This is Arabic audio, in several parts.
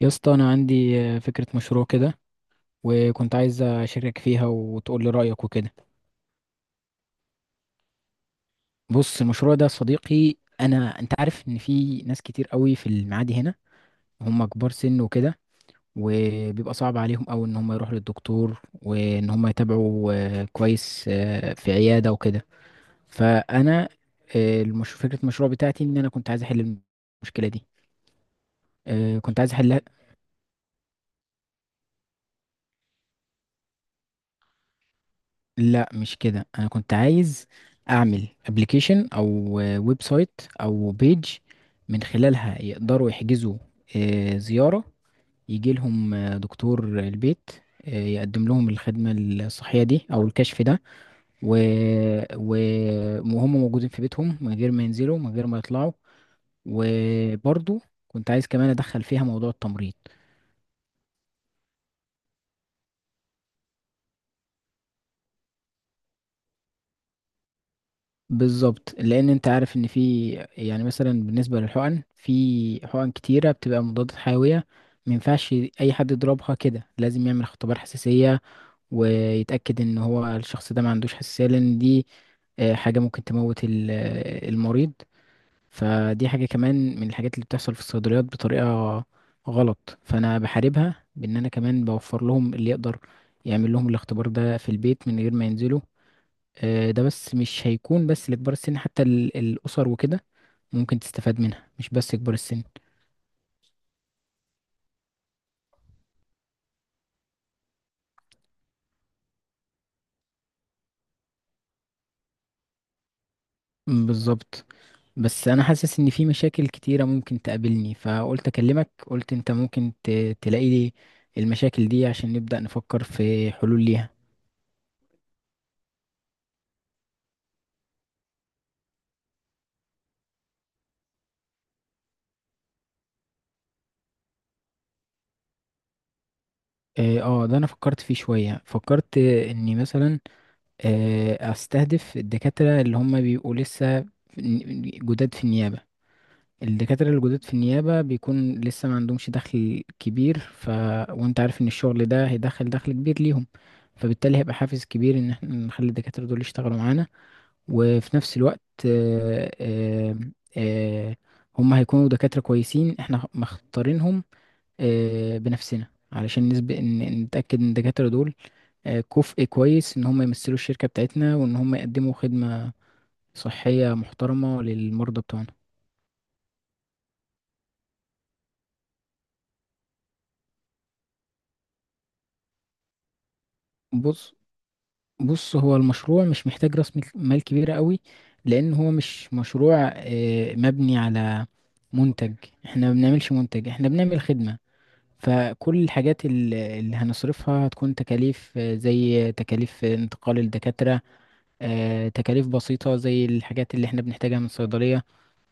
يا اسطى، انا عندي فكره مشروع كده، وكنت عايز اشارك فيها وتقول لي رايك وكده. بص المشروع ده يا صديقي، انت عارف ان في ناس كتير قوي في المعادي هنا، هم كبار سن وكده. وبيبقى صعب عليهم قوي ان هم يروحوا للدكتور وان هم يتابعوا كويس في عياده وكده. فانا فكره المشروع بتاعتي ان انا كنت عايز احل المشكله دي. كنت عايز احلها. لا مش كده، انا كنت عايز اعمل ابلكيشن او ويب سايت او بيج، من خلالها يقدروا يحجزوا زيارة، يجي لهم دكتور البيت يقدم لهم الخدمة الصحية دي او الكشف ده. و... و... وهم موجودين في بيتهم من غير ما ينزلوا من غير ما يطلعوا. وبرضو كنت عايز كمان ادخل فيها موضوع التمريض. بالظبط، لان انت عارف ان في، يعني مثلا بالنسبه للحقن، في حقن كتيره بتبقى مضادات حيويه. ما ينفعش اي حد يضربها كده، لازم يعمل اختبار حساسيه ويتاكد ان هو الشخص ده ما عندوش حساسيه، لان دي حاجه ممكن تموت المريض. فدي حاجه كمان من الحاجات اللي بتحصل في الصيدليات بطريقه غلط، فانا بحاربها بان انا كمان بوفر لهم اللي يقدر يعمل لهم الاختبار ده في البيت من غير ما ينزلوا. ده بس مش هيكون بس لكبار السن، حتى الأسر وكده ممكن تستفاد منها، مش بس كبار السن. مم، بالظبط. بس أنا حاسس إن في مشاكل كتيرة ممكن تقابلني، فقلت أكلمك، قلت أنت ممكن تلاقي لي المشاكل دي عشان نبدأ نفكر في حلول ليها. اه، ده انا فكرت فيه شوية، فكرت اني مثلا استهدف الدكاترة اللي هم بيبقوا لسه جداد في النيابة. الدكاترة الجدد في النيابة بيكون لسه ما عندهمش دخل كبير. وانت عارف ان الشغل ده هيدخل دخل كبير ليهم، فبالتالي هيبقى حافز كبير ان احنا نخلي الدكاترة دول يشتغلوا معانا. وفي نفس الوقت آه، آه، آه، هم هيكونوا دكاترة كويسين احنا مختارينهم بنفسنا، علشان نسبق ان نتأكد ان الدكاترة دول كفء كويس ان هم يمثلوا الشركة بتاعتنا وان هم يقدموا خدمة صحية محترمة للمرضى بتوعنا. بص بص، هو المشروع مش محتاج راس مال كبيرة قوي، لأن هو مش مشروع مبني على منتج. احنا ما بنعملش منتج، احنا بنعمل خدمة. فكل الحاجات اللي هنصرفها هتكون تكاليف، زي تكاليف انتقال الدكاترة، تكاليف بسيطة زي الحاجات اللي احنا بنحتاجها من صيدلية.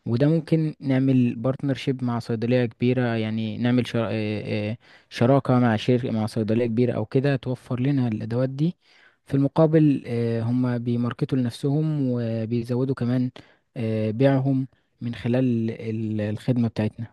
وده ممكن نعمل بارتنرشيب مع صيدلية كبيرة، يعني نعمل شر... آه، آه، شراكة مع شركة، مع صيدلية كبيرة أو كده، توفر لنا الأدوات دي. في المقابل هم بيماركتوا لنفسهم وبيزودوا كمان بيعهم من خلال الخدمة بتاعتنا.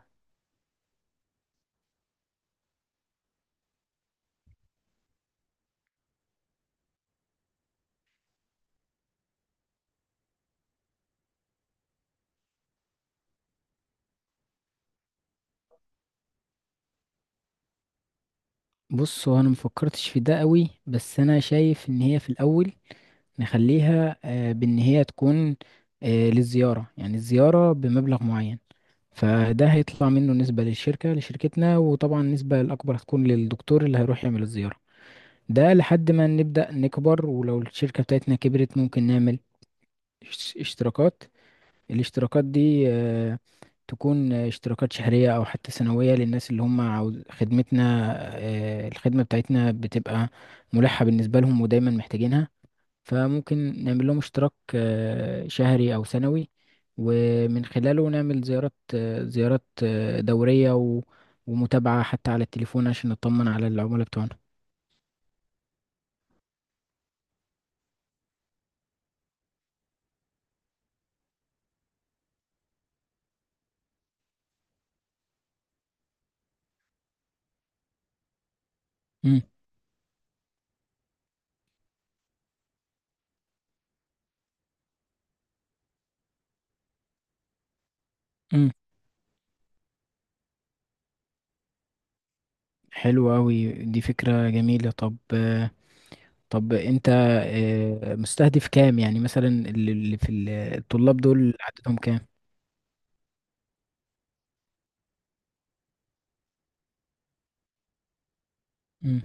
بص، هو أنا مفكرتش في ده قوي، بس أنا شايف إن هي في الأول نخليها بإن هي تكون للزيارة، يعني الزيارة بمبلغ معين. فده هيطلع منه نسبة للشركة، لشركتنا، وطبعا النسبة الأكبر هتكون للدكتور اللي هيروح يعمل الزيارة. ده لحد ما نبدأ نكبر، ولو الشركة بتاعتنا كبرت ممكن نعمل اشتراكات. الاشتراكات دي تكون اشتراكات شهرية أو حتى سنوية للناس اللي هم عاوز خدمتنا. الخدمة بتاعتنا بتبقى ملحة بالنسبة لهم ودايما محتاجينها، فممكن نعمل لهم اشتراك شهري أو سنوي، ومن خلاله نعمل زيارات، دورية ومتابعة حتى على التليفون عشان نطمن على العملاء بتوعنا. مم. مم. حلو أوي، دي فكرة جميلة. طب أنت مستهدف كام؟ يعني مثلا اللي في الطلاب دول عددهم كام؟ مم.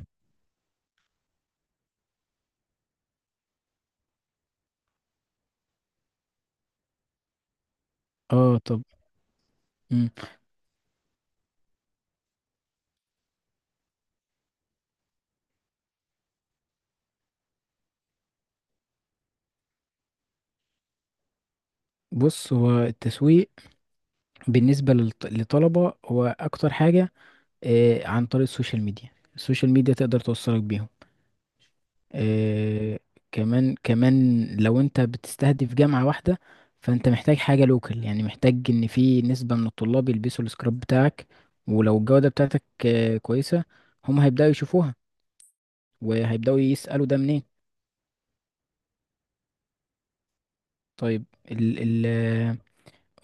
اه، طب. مم. بص، هو التسويق بالنسبة للطلبة هو أكتر حاجة عن طريق السوشيال ميديا. السوشيال ميديا تقدر توصلك بيهم آه، كمان كمان، لو انت بتستهدف جامعة واحدة، فانت محتاج حاجة لوكال، يعني محتاج ان في نسبة من الطلاب يلبسوا السكراب بتاعك. ولو الجودة بتاعتك كويسة، هم هيبدأوا يشوفوها وهيبدأوا يسألوا ده منين. طيب، ال ال آه،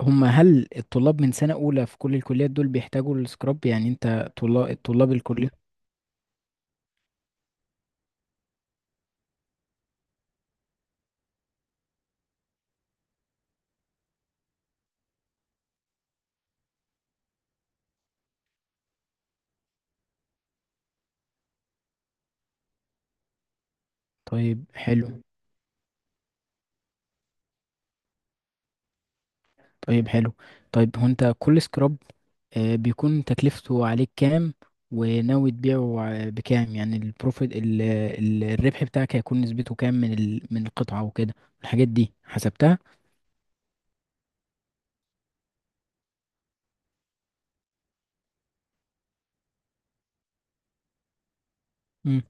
هم هل الطلاب من سنة أولى في كل الكليات دول بيحتاجوا السكراب؟ يعني انت طلاب الكلية. طيب حلو طيب حلو. طيب، هو انت كل سكراب بيكون تكلفته عليك كام، وناوي تبيعه بكام؟ يعني البروفيت الربح بتاعك هيكون نسبته كام من من القطعة وكده، الحاجات دي حسبتها؟ مم.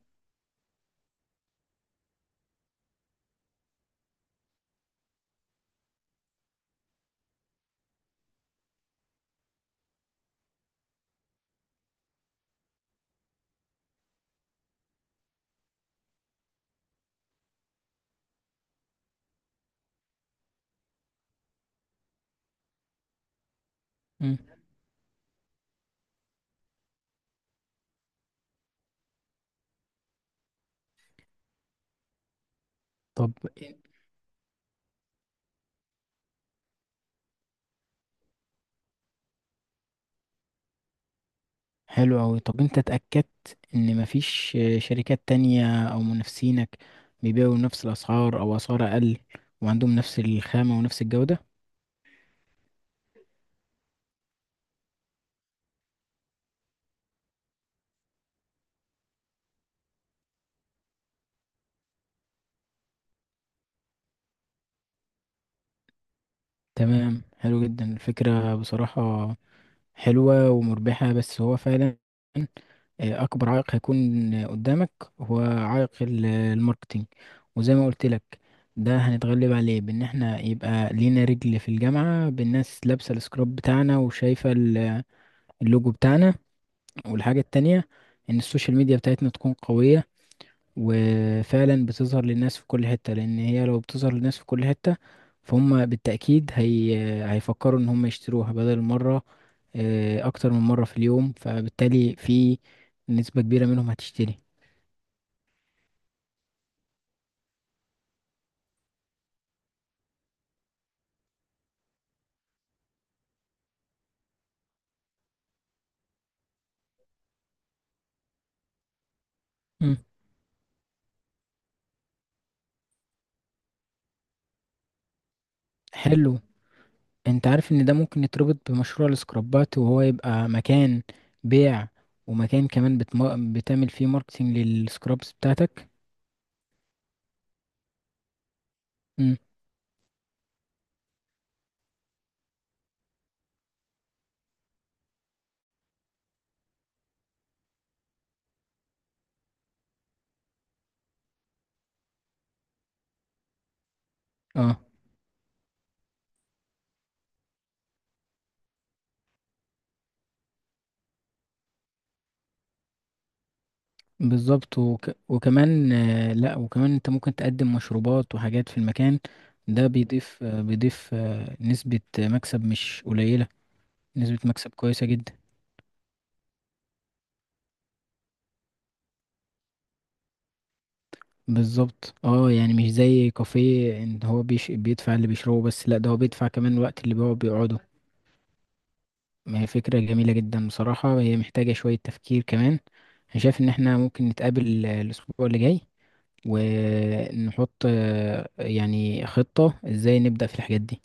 مم. طب حلو أوي. طب انت اتأكدت ان مفيش شركات تانية او منافسينك بيبيعوا نفس الاسعار او اسعار اقل وعندهم نفس الخامة ونفس الجودة؟ تمام، حلو جدا الفكرة بصراحة، حلوة ومربحة. بس هو فعلا آه، أكبر عائق هيكون قدامك هو عائق الماركتينج. وزي ما قلت لك، ده هنتغلب عليه بإن احنا يبقى لينا رجل في الجامعة بالناس لابسة السكراب بتاعنا وشايفة اللوجو بتاعنا. والحاجة التانية، إن السوشيال ميديا بتاعتنا تكون قوية وفعلا بتظهر للناس في كل حتة، لأن هي لو بتظهر للناس في كل حتة فهم بالتأكيد هيفكروا إن هم يشتروها بدل مرة اكتر من مرة في اليوم، فبالتالي في نسبة كبيرة منهم هتشتري. مم. حلو. انت عارف ان ده ممكن يتربط بمشروع السكرابات، وهو يبقى مكان بيع، ومكان كمان بتعمل فيه ماركتينج للسكرابس بتاعتك. مم. اه بالظبط، وكمان لا، وكمان انت ممكن تقدم مشروبات وحاجات في المكان. ده بيضيف نسبة مكسب مش قليلة، نسبة مكسب كويسة جدا. بالظبط. اه، يعني مش زي كافيه ان هو بيدفع اللي بيشربه بس، لا، ده هو بيدفع كمان الوقت اللي بيقعد بيقعده. ما هي فكرة جميلة جدا بصراحة، هي محتاجة شوية تفكير كمان. انا شايف ان احنا ممكن نتقابل الاسبوع اللي جاي، ونحط يعني خطة ازاي نبدأ في الحاجات دي.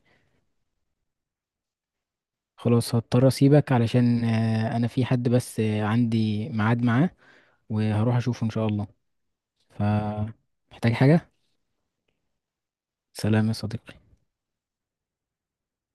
خلاص، هضطر اسيبك علشان انا في حد بس عندي ميعاد معاه، وهروح اشوفه ان شاء الله. فمحتاج حاجة. سلام يا صديقي.